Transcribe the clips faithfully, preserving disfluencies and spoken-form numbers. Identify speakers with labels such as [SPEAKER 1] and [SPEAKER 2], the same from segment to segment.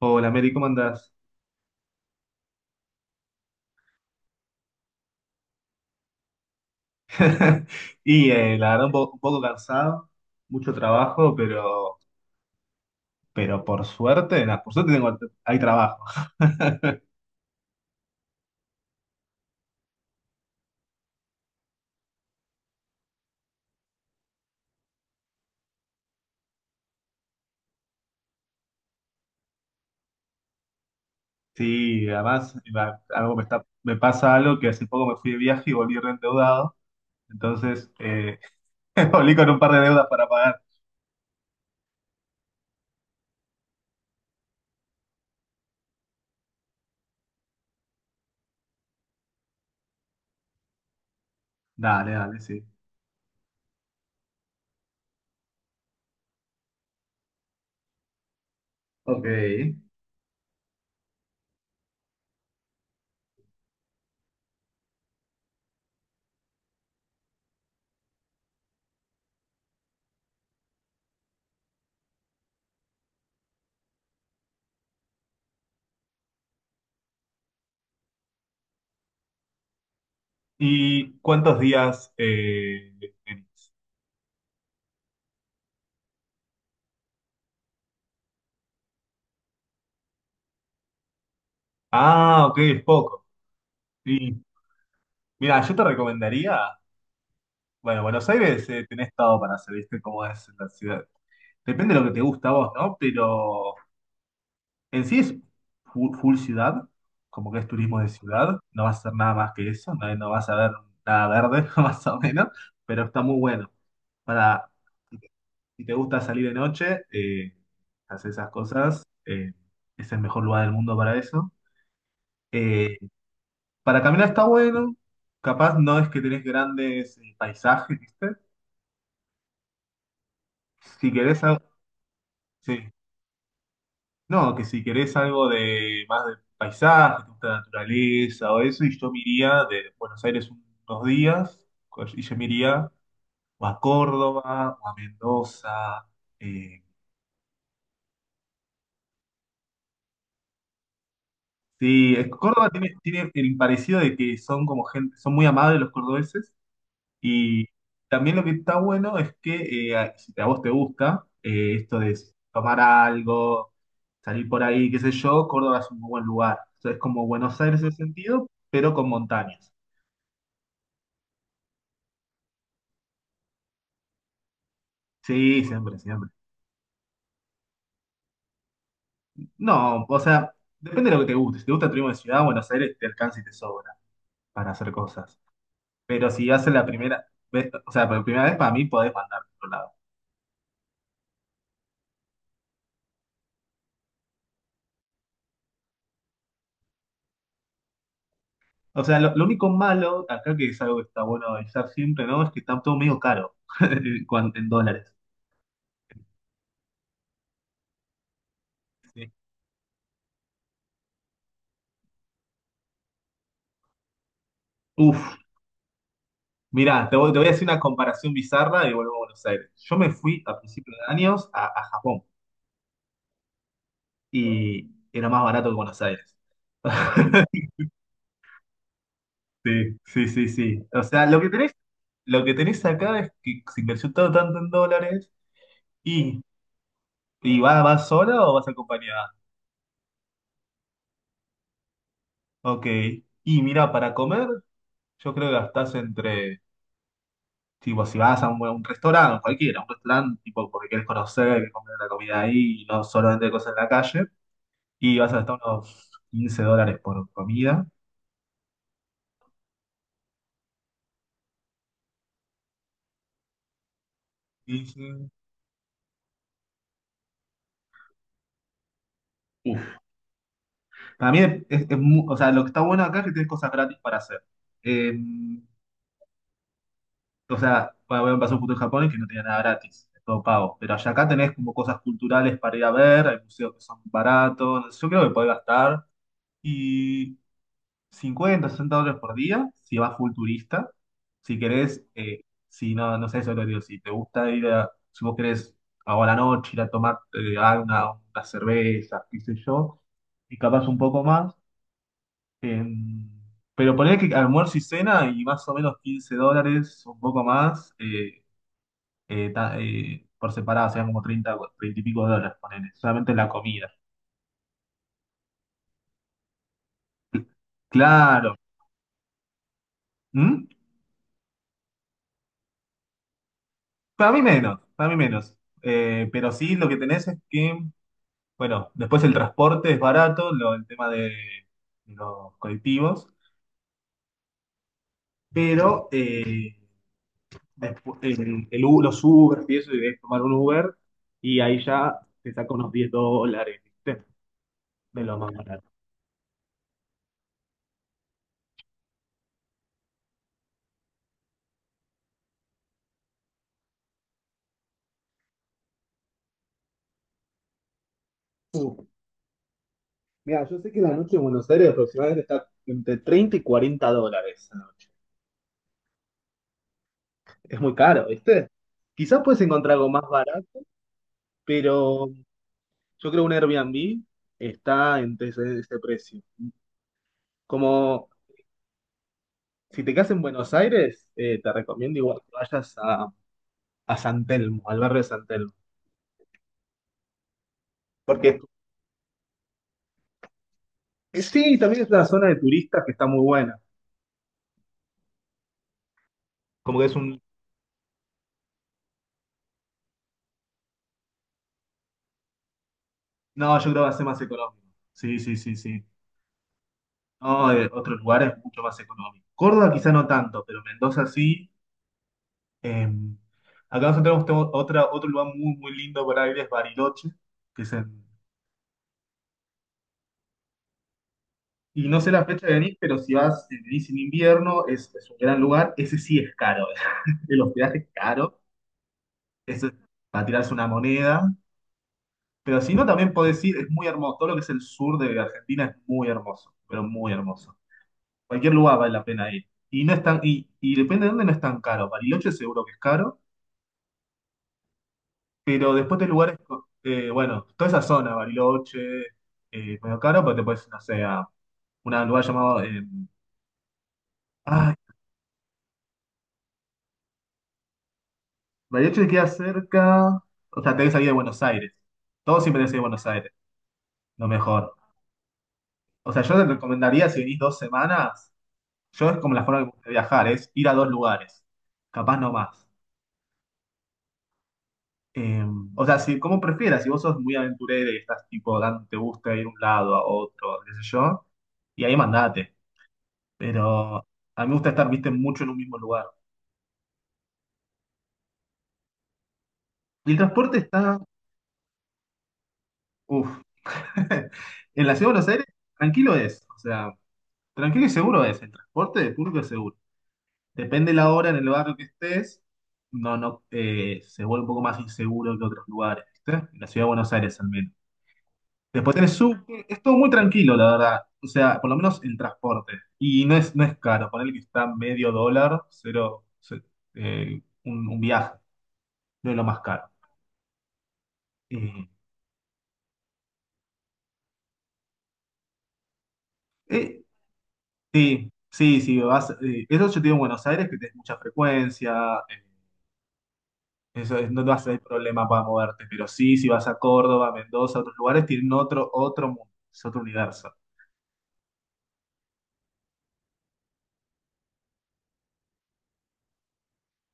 [SPEAKER 1] Hola, Mary, ¿cómo andás? Y eh, la verdad, un, po- un poco cansado, mucho trabajo, pero, pero por suerte, nada, por suerte tengo, hay trabajo. Sí, además, va- algo me está, me pasa algo, que hace poco me fui de viaje y volví reendeudado, entonces, eh, volví con un par de deudas para pagar. Dale, dale, sí. Ok. ¿Y cuántos días eh, tenés? Ah, ok, es poco. Y mira, yo te recomendaría. Bueno, Buenos Aires, eh, tenés todo para hacer, ¿viste cómo es la ciudad? Depende de lo que te gusta a vos, ¿no? Pero en sí es fu- full, ciudad, como que es turismo de ciudad, no vas a hacer nada más que eso, no, no vas a ver nada verde, más o menos, pero está muy bueno. Para, si te gusta salir de noche, eh, hacer esas cosas, eh, es el mejor lugar del mundo para eso. Eh, para caminar está bueno, capaz no es que tenés grandes eh, paisajes, ¿viste? Si querés, algo- sí. No, que si querés algo de más de paisaje, te gusta la naturaleza o eso, y yo me iría de Buenos Aires un- unos días, co- y yo me iría o a Córdoba o a Mendoza. Eh, sí, es, Córdoba tiene, tiene el parecido de que son como gente, son muy amables los cordobeses, y también lo que está bueno es que, eh, a- si a vos te gusta, eh, esto de tomar algo, salir por ahí, qué sé yo, Córdoba es un muy buen lugar. O sea, es como Buenos Aires en ese sentido, pero con montañas. Sí, siempre, siempre. No, o sea, depende de lo que te guste. Si te gusta Turismo de Ciudad, Buenos Aires te alcanza y te sobra para hacer cosas. Pero si haces la primera vez, o sea, por primera vez, para mí podés mandar a otro lado. O sea, lo, lo único malo acá, que es algo que está bueno avisar siempre, ¿no?, es que está todo medio caro cuan- en dólares. Sí. Uf, mirá, te voy, te voy a hacer una comparación bizarra y vuelvo a Buenos Aires. Yo me fui a principios de años a, a Japón y era más barato que Buenos Aires. Sí, sí, sí, sí. O sea, lo que tenés Lo que tenés acá es que se invirtió todo tanto en dólares y, y va, ¿vas sola o vas acompañada? Ok. Y mira, para comer, yo creo que gastás entre, tipo, si vas a un, un restaurante, cualquiera, un restaurante, tipo, porque quieres conocer, quieres comer la comida ahí y no solamente cosas en la calle, y vas a gastar unos quince dólares por comida. Y, sí, uf. También es, es mu-, o sea, lo que está bueno acá es que tenés cosas gratis para hacer. Eh, O sea, bueno, voy a pasar un punto: en Japón en que no tenía nada gratis, es todo pago. Pero allá, acá tenés como cosas culturales para ir a ver, hay museos que son baratos. Yo creo que podés gastar y cincuenta, sesenta dólares por día si vas full turista. Si querés, eh, si no, no sé, eso es lo que digo, si te gusta ir a, si vos querés ahora a la noche ir a tomar, eh, alguna, una cerveza, qué sé yo, y capaz un poco más. em, pero poner que almuerzo y cena, y más o menos quince dólares, un poco más. eh, eh, ta- eh, por separado serían como treinta o treinta y pico de dólares, ponele, solamente la comida. Claro. ¿Mm? Para mí menos, para mí menos. Eh, pero sí, lo que tenés es que, bueno, después el transporte es barato, lo- el tema de los colectivos, pero, eh, despu- el, el U- los Uber y eso, y debes tomar un Uber y ahí ya te saca unos diez dólares, ¿viste? De lo más barato. Mira, yo sé que la noche en Buenos Aires aproximadamente está entre treinta y cuarenta dólares la noche. Es muy caro, ¿viste? Quizás puedes encontrar algo más barato, pero yo creo un Airbnb está entre ese, ese precio. Como si te quedas en Buenos Aires, eh, te recomiendo igual que vayas a, a San Telmo, al barrio de San Telmo. Porque, eh, sí, también es una zona de turistas que está muy buena. Como que es un... No, yo creo que va a ser más económico. Sí, sí, sí, sí. No, de otros lugares mucho más económico. Córdoba quizá no tanto, pero Mendoza sí. Eh, acá nosotros tenemos tenemos otra, otro lugar muy, muy lindo para ir, es Bariloche, que es en- y no sé la fecha de venir, pero si vas, si venís en invierno, es, es un gran lugar. Ese sí es caro, el hospedaje es caro, eso es para tirarse una moneda. Pero si no, también podés ir, es muy hermoso. Todo lo que es el sur de Argentina es muy hermoso, pero muy hermoso. Cualquier lugar vale la pena ir. Y no es tan, y, y depende de dónde, no es tan caro. Bariloche seguro que es caro. Pero después, de lugares, co- eh, bueno, toda esa zona, Bariloche, eh, medio caro, pero te puedes, no sé, a un lugar llamado. eh, ay, Bariloche te queda cerca. O sea, te que salir de Buenos Aires. Todo siempre tenés que ir a Buenos Aires, lo mejor. O sea, yo te recomendaría si venís dos semanas, yo, es como la forma que me gusta viajar, es ir a dos lugares, capaz no más. Eh, o sea, si, como prefieras, si vos sos muy aventurero y estás tipo, dan- te gusta ir a un lado, a otro, qué sé yo, y ahí mandate. Pero a mí me gusta estar, viste, mucho en un mismo lugar. Y el transporte está, uff, en la ciudad de Buenos Aires, tranquilo es, o sea, tranquilo y seguro es, el transporte de público es seguro. Depende la hora en el barrio que estés, no, no, eh, se vuelve un poco más inseguro que otros lugares, ¿viste? En la ciudad de Buenos Aires al menos. Después tenés subte, es todo muy tranquilo, la verdad. O sea, por lo menos el transporte. Y no es, no es caro, ponele que está medio dólar, cero, ce- eh, un, un viaje, no es lo más caro. Eh, eh, Sí, sí, sí, vas, eh, eso yo te digo en Buenos Aires, que tenés mucha frecuencia, eh, eso es- no te vas a tener problema para moverte, pero sí, si vas a Córdoba, Mendoza, otros lugares, tienen otro, otro mundo, es otro universo.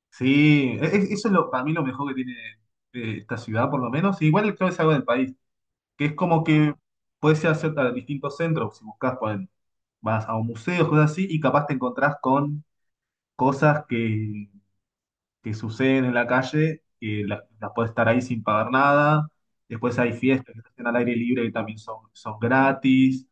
[SPEAKER 1] Sí, e- e- eso es lo, para mí lo mejor que tiene, eh, esta ciudad, por lo menos, y igual creo que es algo del país, que es como que puedes ir a cierta- distintos centros, si buscas, vas a un museo, cosas así, y capaz te encontrás con cosas que que suceden en la calle, que la- las puedes estar ahí sin pagar nada. Después hay fiestas que se hacen al aire libre que también son, son gratis.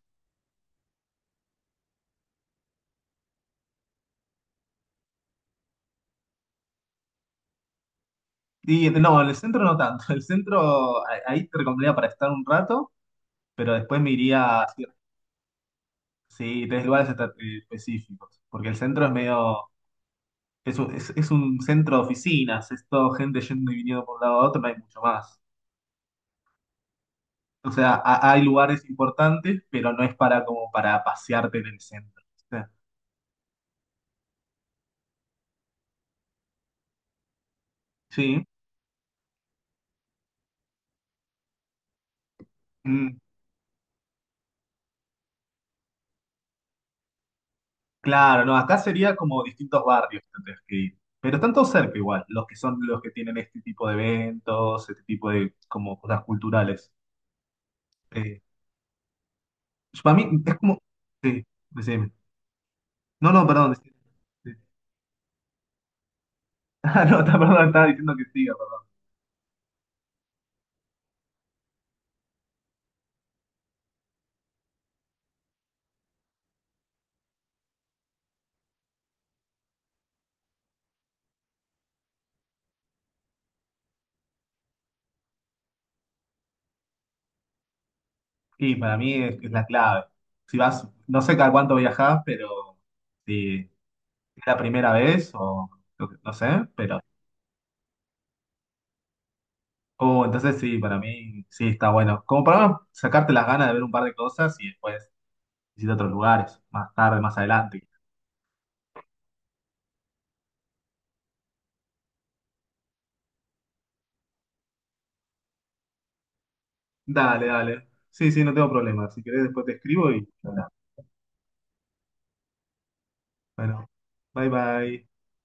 [SPEAKER 1] Y no, en el centro no tanto. El centro, a- ahí te recomendaría para estar un rato, pero después me iría a cier- sí, tres lugares esta- eh, específicos. Porque el centro es medio. Es un, es, es un centro de oficinas, es todo gente yendo y viniendo por un lado a otro, no hay mucho más. O sea, ha- hay lugares importantes, pero no es para, como para pasearte en el centro, ¿viste? Sí. Mm. Claro, no, acá sería como distintos barrios que tendrías que ir. Pero están todos cerca igual, los que son los que tienen este tipo de eventos, este tipo de como cosas culturales. Eh, para mí es como... Sí, decime. No, no, perdón. Decime. Sí. Ah, no, está- perdón, estaba diciendo que siga, perdón. Sí, para mí es, es la clave. Si vas, no sé cada cuánto viajás, pero si es la primera vez o lo que, no sé, pero... Oh, entonces sí, para mí sí está bueno. Como para sacarte las ganas de ver un par de cosas y después... visita otros lugares, más tarde, más adelante. Dale, dale. Sí, sí, no tengo problema. Si querés, después te escribo y... Bueno, bueno, bye bye.